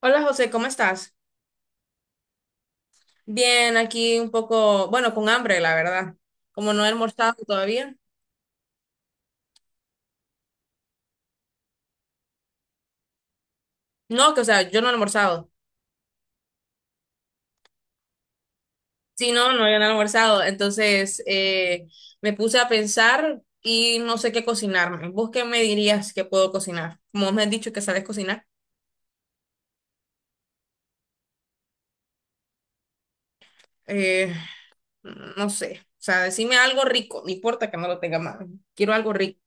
Hola José, ¿cómo estás? Bien, aquí un poco, bueno, con hambre, la verdad. Como no he almorzado todavía. No, que o sea, yo no he almorzado. Sí, no, no, yo no he almorzado. Entonces, me puse a pensar y no sé qué cocinarme. ¿Vos qué me dirías que puedo cocinar? Como me has dicho que sabes cocinar, eh, no sé. O sea, decime algo rico, no importa que no lo tenga mal. Quiero algo rico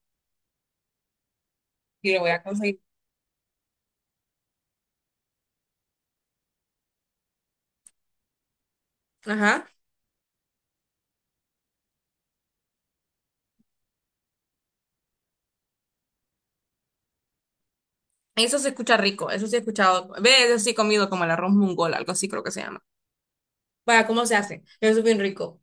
y lo voy a conseguir. Ajá. Eso se escucha rico, eso sí he escuchado. Ve, eso sí he comido como el arroz mongol, algo así creo que se llama. Vaya, ¿cómo se hace? Eso es bien rico.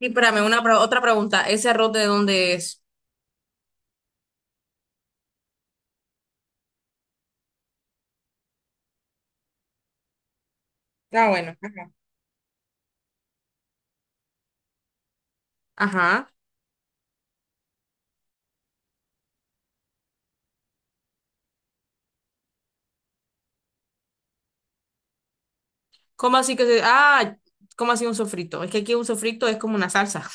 Y espérame, otra pregunta. ¿Ese arroz de dónde es? Ah, bueno, ajá. ¿Cómo así que se... ah, ¿cómo así un sofrito? Es que aquí un sofrito es como una salsa.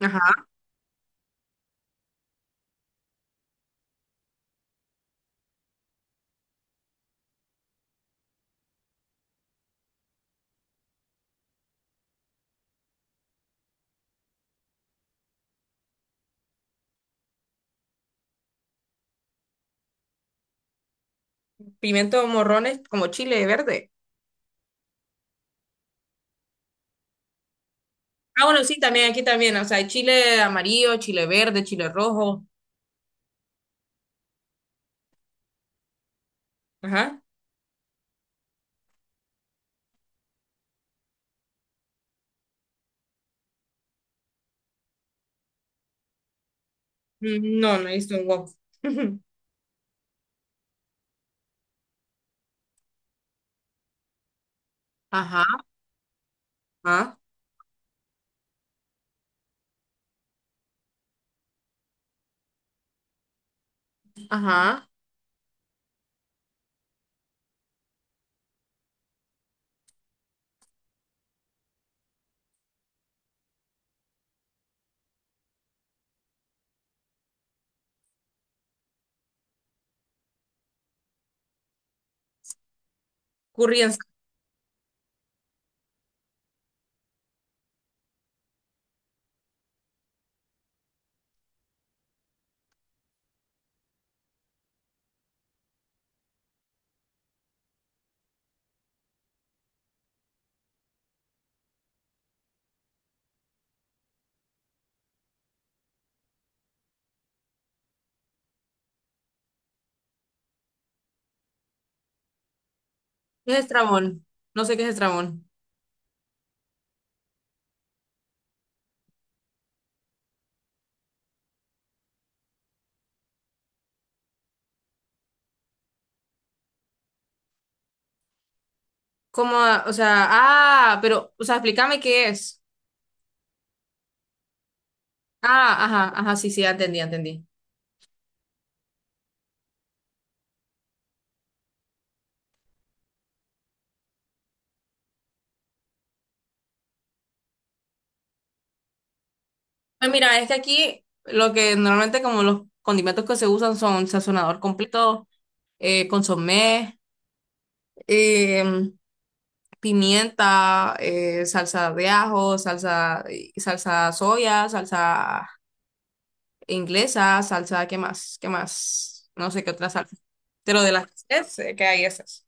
Ajá. Pimiento morrones como chile verde. Ah, bueno, sí, también, aquí también. O sea, hay chile amarillo, chile verde, chile rojo. Ajá. Mm, no, no he visto un wok. Ajá. Ajá. Ajá. Curry en salsa. ¿Qué es estrabón? No sé qué es estrabón. ¿Cómo? O sea, ah, pero, o sea, explícame qué es. Ah, ajá, ajá, sí, sí, ya entendí, ya entendí. Pues mira, es que aquí lo que normalmente como los condimentos que se usan son sazonador completo, consomé, em, pimienta, salsa de ajo, salsa, salsa soya, salsa inglesa, salsa, ¿qué más? ¿Qué más? No sé qué otra salsa. Pero de las tres que hay esas.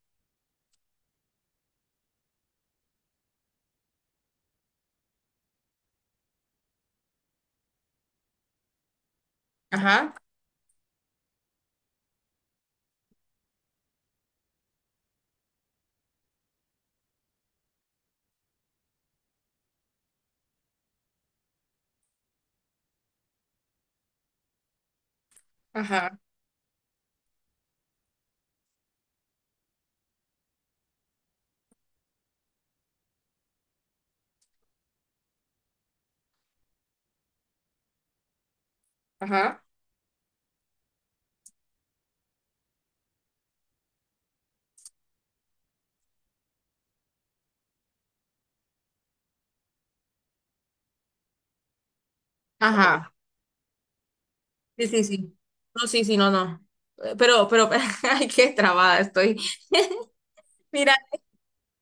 Ajá, ajá, ajá, ajá. Sí, sí, sí. No, sí, sí, no, no. Pero, ay, qué trabada estoy. Mira,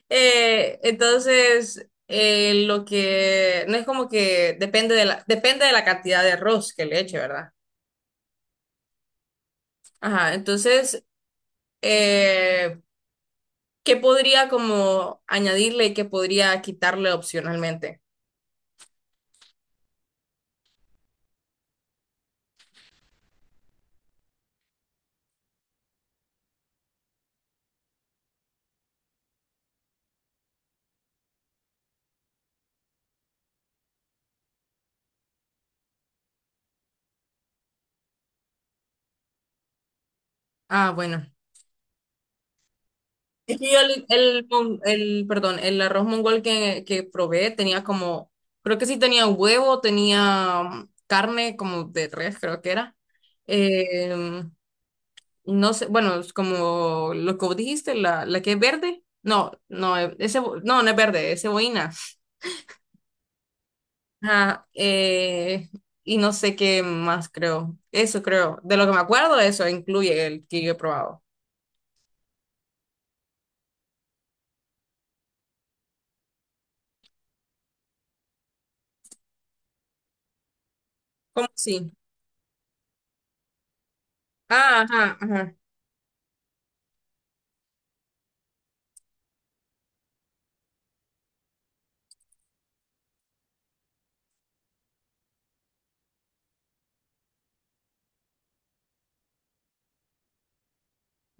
entonces, lo que, no es como que depende de la cantidad de arroz que le eche, ¿verdad? Ajá, entonces, eh, ¿qué podría como añadirle y qué podría quitarle opcionalmente? Ah, bueno. Es que yo perdón, el arroz mongol que probé tenía como, creo que sí tenía huevo, tenía mm, carne como de res, creo que era. Eh, no sé, bueno, es como lo que vos dijiste, la que es verde. No, no, e, ese, no, no es verde, es cebollina. Ajá, y no sé qué más creo. Eso creo. De lo que me acuerdo, eso incluye el que yo he probado. ¿Cómo sí? Ah, ajá, ajá.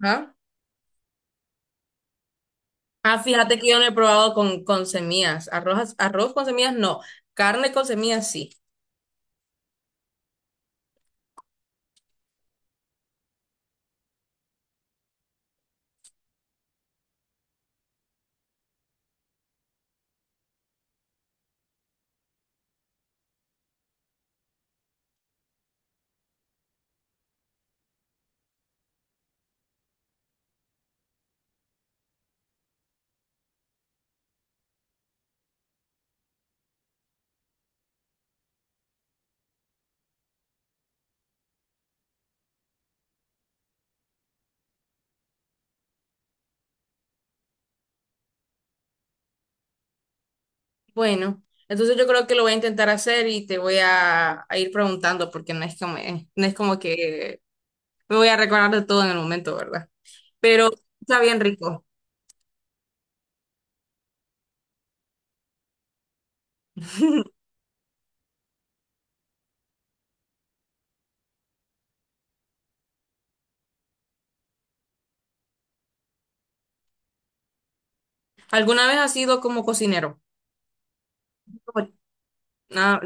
Ajá. Ah, fíjate que yo no he probado con semillas. Arroz, arroz con semillas no. Carne con semillas sí. Bueno, entonces yo creo que lo voy a intentar hacer y te voy a ir preguntando porque no es como, no es como que me voy a recordar de todo en el momento, ¿verdad? Pero está bien rico. ¿Alguna vez has sido como cocinero? No. Ah,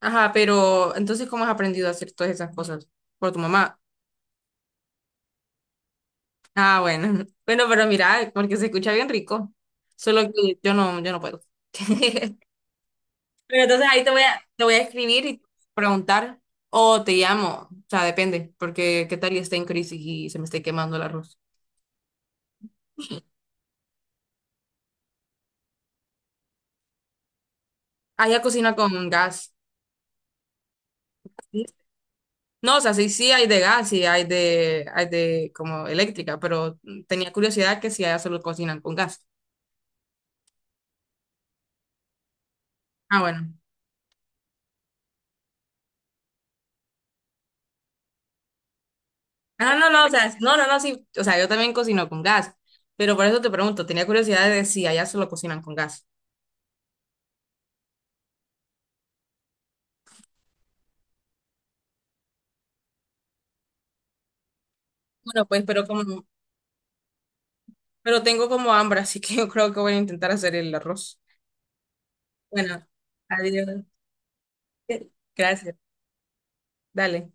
ajá, pero entonces ¿cómo has aprendido a hacer todas esas cosas? ¿Por tu mamá? Ah, bueno. Bueno, pero mira, porque se escucha bien rico. Solo que yo no, yo no puedo. Pero entonces ahí te voy a escribir y preguntar o te llamo, o sea, depende, porque qué tal y esté en crisis y se me esté quemando el arroz. Allá cocina con gas. No, o sea, sí, sí hay de gas y hay de como eléctrica, pero tenía curiosidad que si allá solo cocinan con gas. Ah, bueno. Ah, no, no, o sea, no, no, no, sí, o sea, yo también cocino con gas, pero por eso te pregunto, tenía curiosidad de si allá solo cocinan con gas. Bueno, pues, pero como, pero tengo como hambre, así que yo creo que voy a intentar hacer el arroz. Bueno, adiós. Gracias. Dale.